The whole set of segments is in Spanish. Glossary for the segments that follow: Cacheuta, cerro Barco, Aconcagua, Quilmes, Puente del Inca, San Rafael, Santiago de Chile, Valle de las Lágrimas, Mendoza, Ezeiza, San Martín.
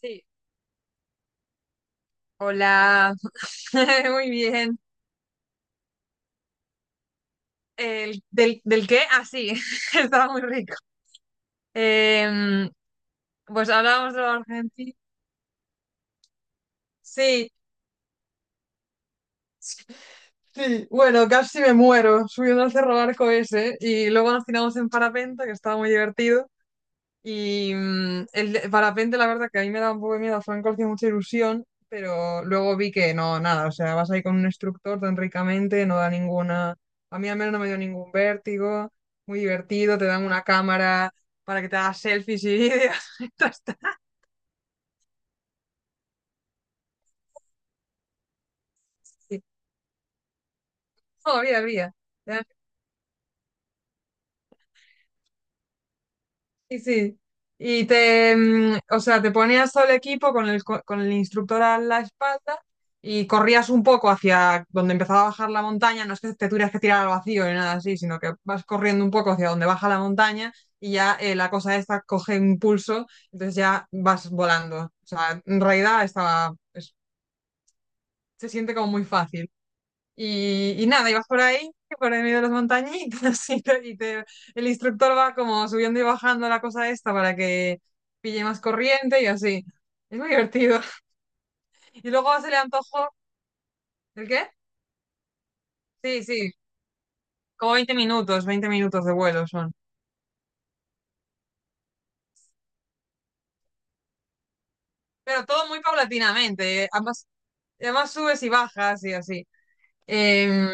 Sí. Hola. Muy bien. Del, ¿del qué? Ah, sí. Estaba muy rico. Em, pues hablamos de Argentina. Sí. Sí. Bueno, casi me muero subiendo al cerro Barco ese y luego nos tiramos en parapente, que estaba muy divertido. Y el de parapente, la verdad que a mí me da un poco de miedo, Franco hacía mucha ilusión, pero luego vi que no, nada, o sea, vas ahí con un instructor tan ricamente, no da ninguna, a mí al menos no me dio ningún vértigo, muy divertido, te dan una cámara para que te hagas selfies y vídeos, esto está así, todavía había, sí, sí. O sea, te ponías todo el equipo con con el instructor a la espalda y corrías un poco hacia donde empezaba a bajar la montaña. No es que te tuvieras que tirar al vacío ni nada así, sino que vas corriendo un poco hacia donde baja la montaña y ya la cosa esta coge impulso, entonces ya vas volando. O sea, en realidad se siente como muy fácil. Y nada, ibas por ahí, por en medio de las montañitas, el instructor va como subiendo y bajando la cosa esta para que pille más corriente y así. Es muy divertido. Y luego se le antojó, ¿el qué? Sí, sí, como 20 minutos, 20 minutos de vuelo son. Pero todo muy paulatinamente, ambas, además subes y bajas y así. Em,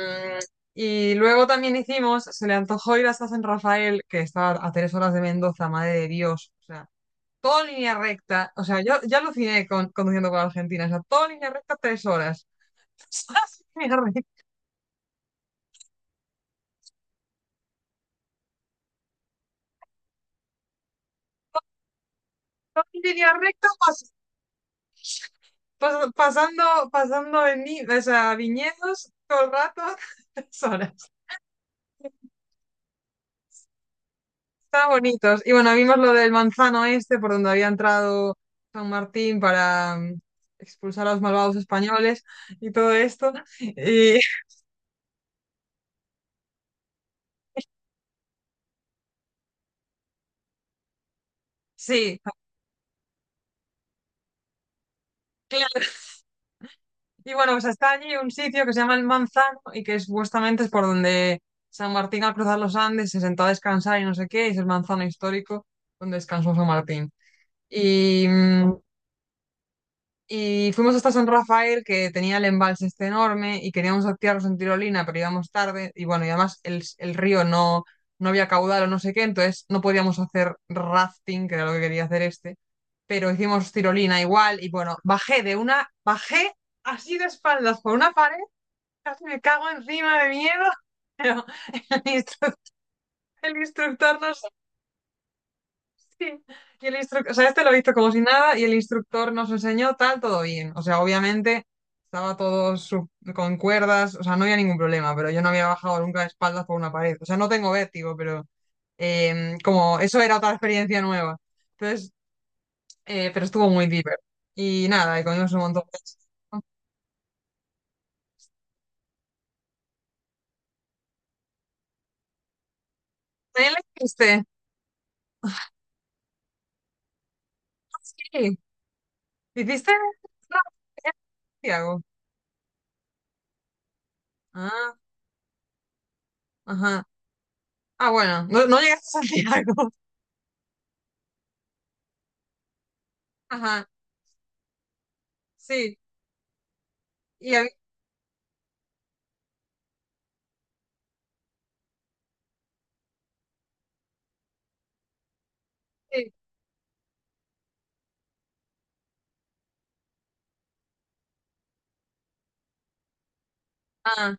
y luego también hicimos, se le antojó ir hasta San Rafael, que está a 3 horas de Mendoza, madre de Dios. O sea, todo en línea recta. O sea, yo ya aluciné con, conduciendo con Argentina. O sea, todo en línea recta, 3 horas. Todo en línea recta, todo en línea recta, pasando, pasando o sea, viñedos todo el rato, 3 horas. Estaban bonitos. Y bueno, vimos lo del manzano este, por donde había entrado San Martín para expulsar a los malvados españoles y todo esto. Y sí, y bueno, pues está allí un sitio que se llama El Manzano y que supuestamente es por donde San Martín al cruzar los Andes se sentó a descansar y no sé qué, y es el manzano histórico donde descansó San Martín. Y, mm, y fuimos hasta San Rafael, que tenía el embalse este enorme y queríamos activarnos en tirolina, pero íbamos tarde y bueno, y además el río no, no había caudal o no sé qué, entonces no podíamos hacer rafting, que era lo que quería hacer este, pero hicimos tirolina igual y bueno, bajé así de espaldas por una pared casi me cago encima de miedo, pero el instructor, el instructor nos... sí. Y el instructor, o sea, este lo hizo como si nada y el instructor nos enseñó tal, todo bien. O sea, obviamente estaba todo su- con cuerdas, o sea, no había ningún problema, pero yo no había bajado nunca de espaldas por una pared. O sea, no tengo vértigo, pero como eso era otra experiencia nueva. Entonces, pero estuvo muy deeper. Y nada, y comimos un montón de cosas. ¿Qué le hiciste? Sí. ¿Hiciste? No, Santiago. Ah, ajá. Ah, bueno, no, no llegaste a Santiago. Ajá, sí. Y a- sí. Ah,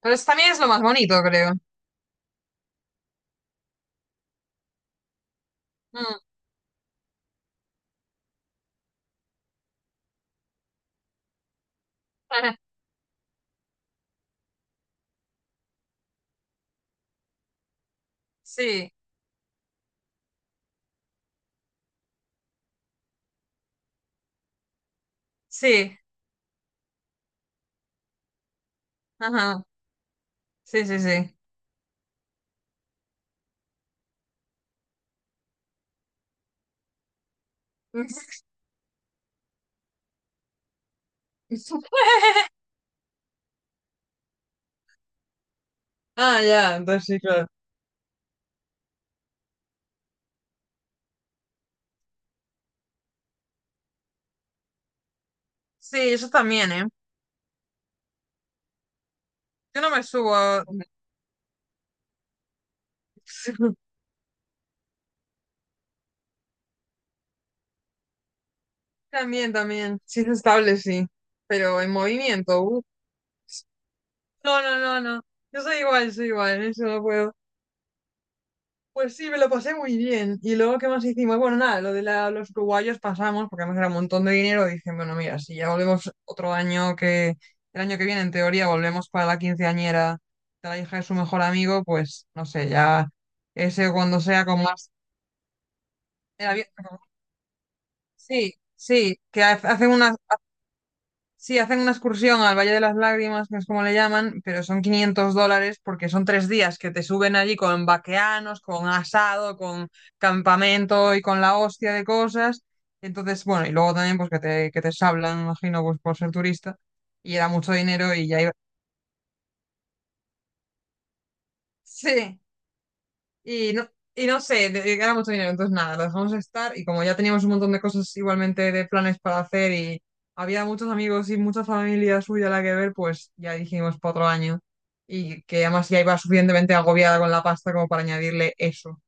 pero eso también es lo más bonito, creo. Mm, sí, sí. Ajá, sí, sí, sí. Ah, ya, entonces sí, claro. Sí, yo también, ¿eh? Yo no me subo a... También, también. Sí, es estable, sí. Pero en movimiento. No, no, no, no. Yo soy igual, soy igual. Eso no puedo. Pues sí, me lo pasé muy bien. Y luego, ¿qué más hicimos? Bueno, nada, lo los uruguayos pasamos, porque además era un montón de dinero. Y dije, bueno, mira, si ya volvemos otro año que, el año que viene, en teoría, volvemos para la quinceañera de la hija de su mejor amigo, pues no sé, ya ese cuando sea con más. era bien- Sí, sí, hacen una, sí, hacen una excursión al Valle de las Lágrimas, que es como le llaman, pero son 500 dólares porque son 3 días que te suben allí con vaqueanos, con asado, con campamento y con la hostia de cosas. Entonces, bueno, y luego también pues que te sablan, imagino, pues por ser turista. Y era mucho dinero y ya iba. Sí. Y no, y no sé, era mucho dinero, entonces nada, lo dejamos estar y como ya teníamos un montón de cosas igualmente de planes para hacer y había muchos amigos y mucha familia suya a la que ver, pues ya dijimos para otro año y que además ya iba suficientemente agobiada con la pasta como para añadirle eso.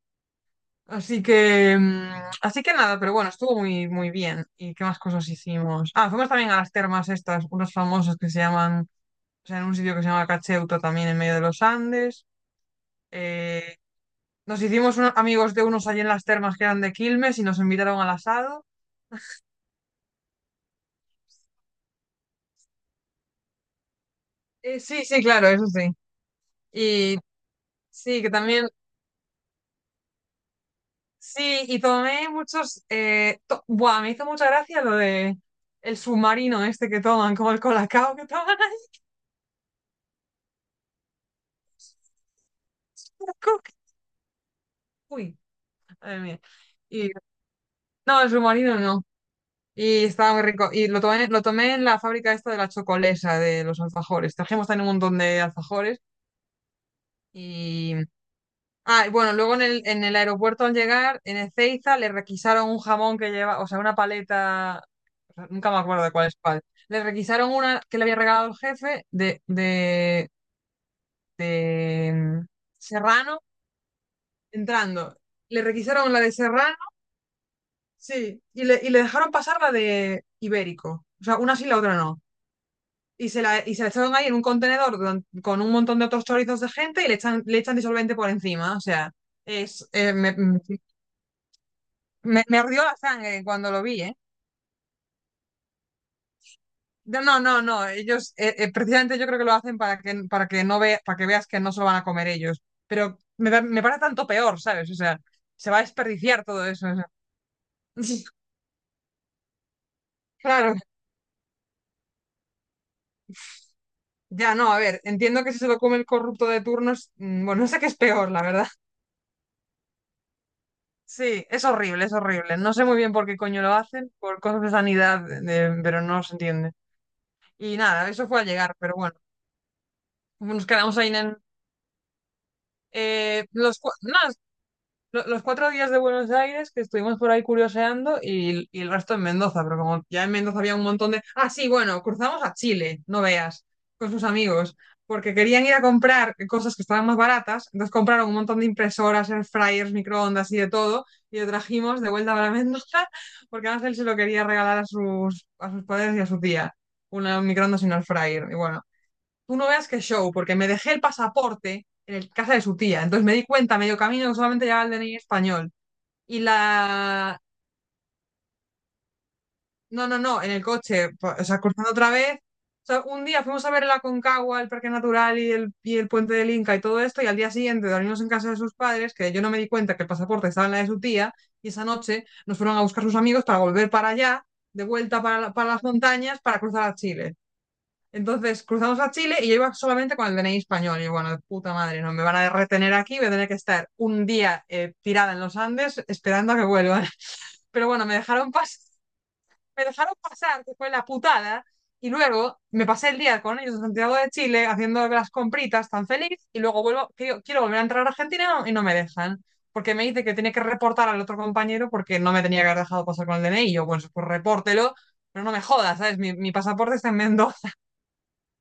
Así que, mm, así que nada, pero bueno, estuvo muy, muy bien. ¿Y qué más cosas hicimos? Ah, fuimos también a las termas estas, unas famosas que se llaman, o sea, en un sitio que se llama Cacheuta también en medio de los Andes. Eh, Nos hicimos unos amigos de unos allí en las termas que eran de Quilmes y nos invitaron al asado. Sí, sí, claro, eso sí. Y sí, que también, sí, y tomé muchos, buah, me hizo mucha gracia lo de el submarino este que toman, como el colacao que toman ahí. En la coca. Uy, madre mía. Y no, el submarino no. Y estaba muy rico. Y lo tomé en la fábrica esta de la chocolesa, de los alfajores. Trajimos también un montón de alfajores y ah, y bueno, luego en en el aeropuerto al llegar, en Ezeiza, le requisaron un jamón que lleva, o sea, una paleta, nunca me acuerdo de cuál es cuál. Le requisaron una que le había regalado el jefe de Serrano entrando. Le requisaron la de Serrano, sí, y le dejaron pasar la de Ibérico. O sea, una sí, la otra no. Y se la echaron ahí en un contenedor con un montón de otros chorizos de gente y le echan disolvente por encima. O sea, es, eh, me- mm, me, me ardió la sangre cuando lo vi, ¿eh? No, no, no, no, ellos, precisamente yo creo que lo hacen para que no vea, para que veas que no se lo van a comer ellos. Pero me parece tanto peor, ¿sabes? O sea, se va a desperdiciar todo eso. O sea. Claro, ya no, a ver, entiendo que si se lo come el corrupto de turnos, bueno, no sé qué es peor, la verdad. Sí, es horrible, es horrible. No sé muy bien por qué coño lo hacen, por cosas de sanidad, pero no se entiende. Y nada, eso fue a llegar, pero bueno, nos quedamos ahí en... los, cua- nada, lo- los 4 días de Buenos Aires que estuvimos por ahí curioseando y el resto en Mendoza, pero como ya en Mendoza había un montón de... Ah, sí, bueno, cruzamos a Chile, no veas, con sus amigos, porque querían ir a comprar cosas que estaban más baratas, entonces compraron un montón de impresoras, air fryers, microondas y de todo, y lo trajimos de vuelta para Mendoza, porque Ángel se lo quería regalar a sus padres y a su tía, una microondas y un air fryer, y bueno, tú no veas qué show, porque me dejé el pasaporte en el casa de su tía. Entonces me di cuenta medio camino que solamente llevaba el DNI español. Y la... No, no, no, en el coche, o sea, cruzando otra vez. O sea, un día fuimos a ver el Aconcagua, el Parque Natural y el Puente del Inca y todo esto, y al día siguiente dormimos en casa de sus padres, que yo no me di cuenta que el pasaporte estaba en la de su tía, y esa noche nos fueron a buscar sus amigos para volver para allá, de vuelta para, la para las montañas, para cruzar a Chile. Entonces cruzamos a Chile y yo iba solamente con el DNI español. Y bueno, de puta madre, no me van a retener aquí, voy a tener que estar un día tirada en los Andes esperando a que vuelvan. Pero bueno, me dejaron pasar, que fue la putada. Y luego me pasé el día con ellos en Santiago de Chile haciendo las compritas tan feliz. Y luego vuelvo, quiero volver a entrar a Argentina y no me dejan. Porque me dice que tiene que reportar al otro compañero porque no me tenía que haber dejado pasar con el DNI. Y yo, bueno, pues repórtelo, pero no me jodas, ¿sabes? Mi pasaporte está en Mendoza.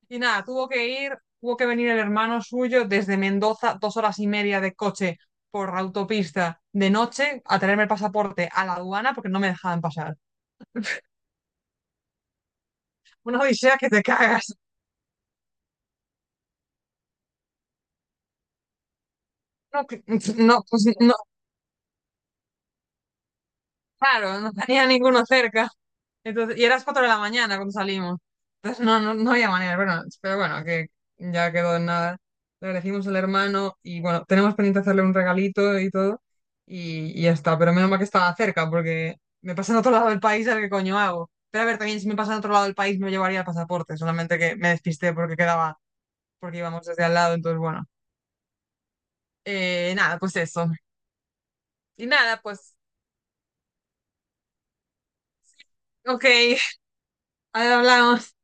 Y nada, tuvo que venir el hermano suyo desde Mendoza, 2 horas y media de coche por autopista de noche, a traerme el pasaporte a la aduana porque no me dejaban pasar. Una odisea que te cagas. No, que- no, claro, no tenía ninguno cerca. Entonces, y eras 4 de la mañana cuando salimos. Entonces no, no, no había manera, bueno, pero bueno, que ya quedó en nada. Le agradecimos al hermano y bueno, tenemos pendiente hacerle un regalito y todo. Y ya está, pero menos mal que estaba cerca porque me pasa en otro lado del país, a ver qué coño hago. Pero a ver, también si me pasa en otro lado del país me llevaría el pasaporte, solamente que me despisté porque quedaba, porque íbamos desde al lado, entonces bueno. Nada, pues eso. Y nada, pues, ok, ahora hablamos.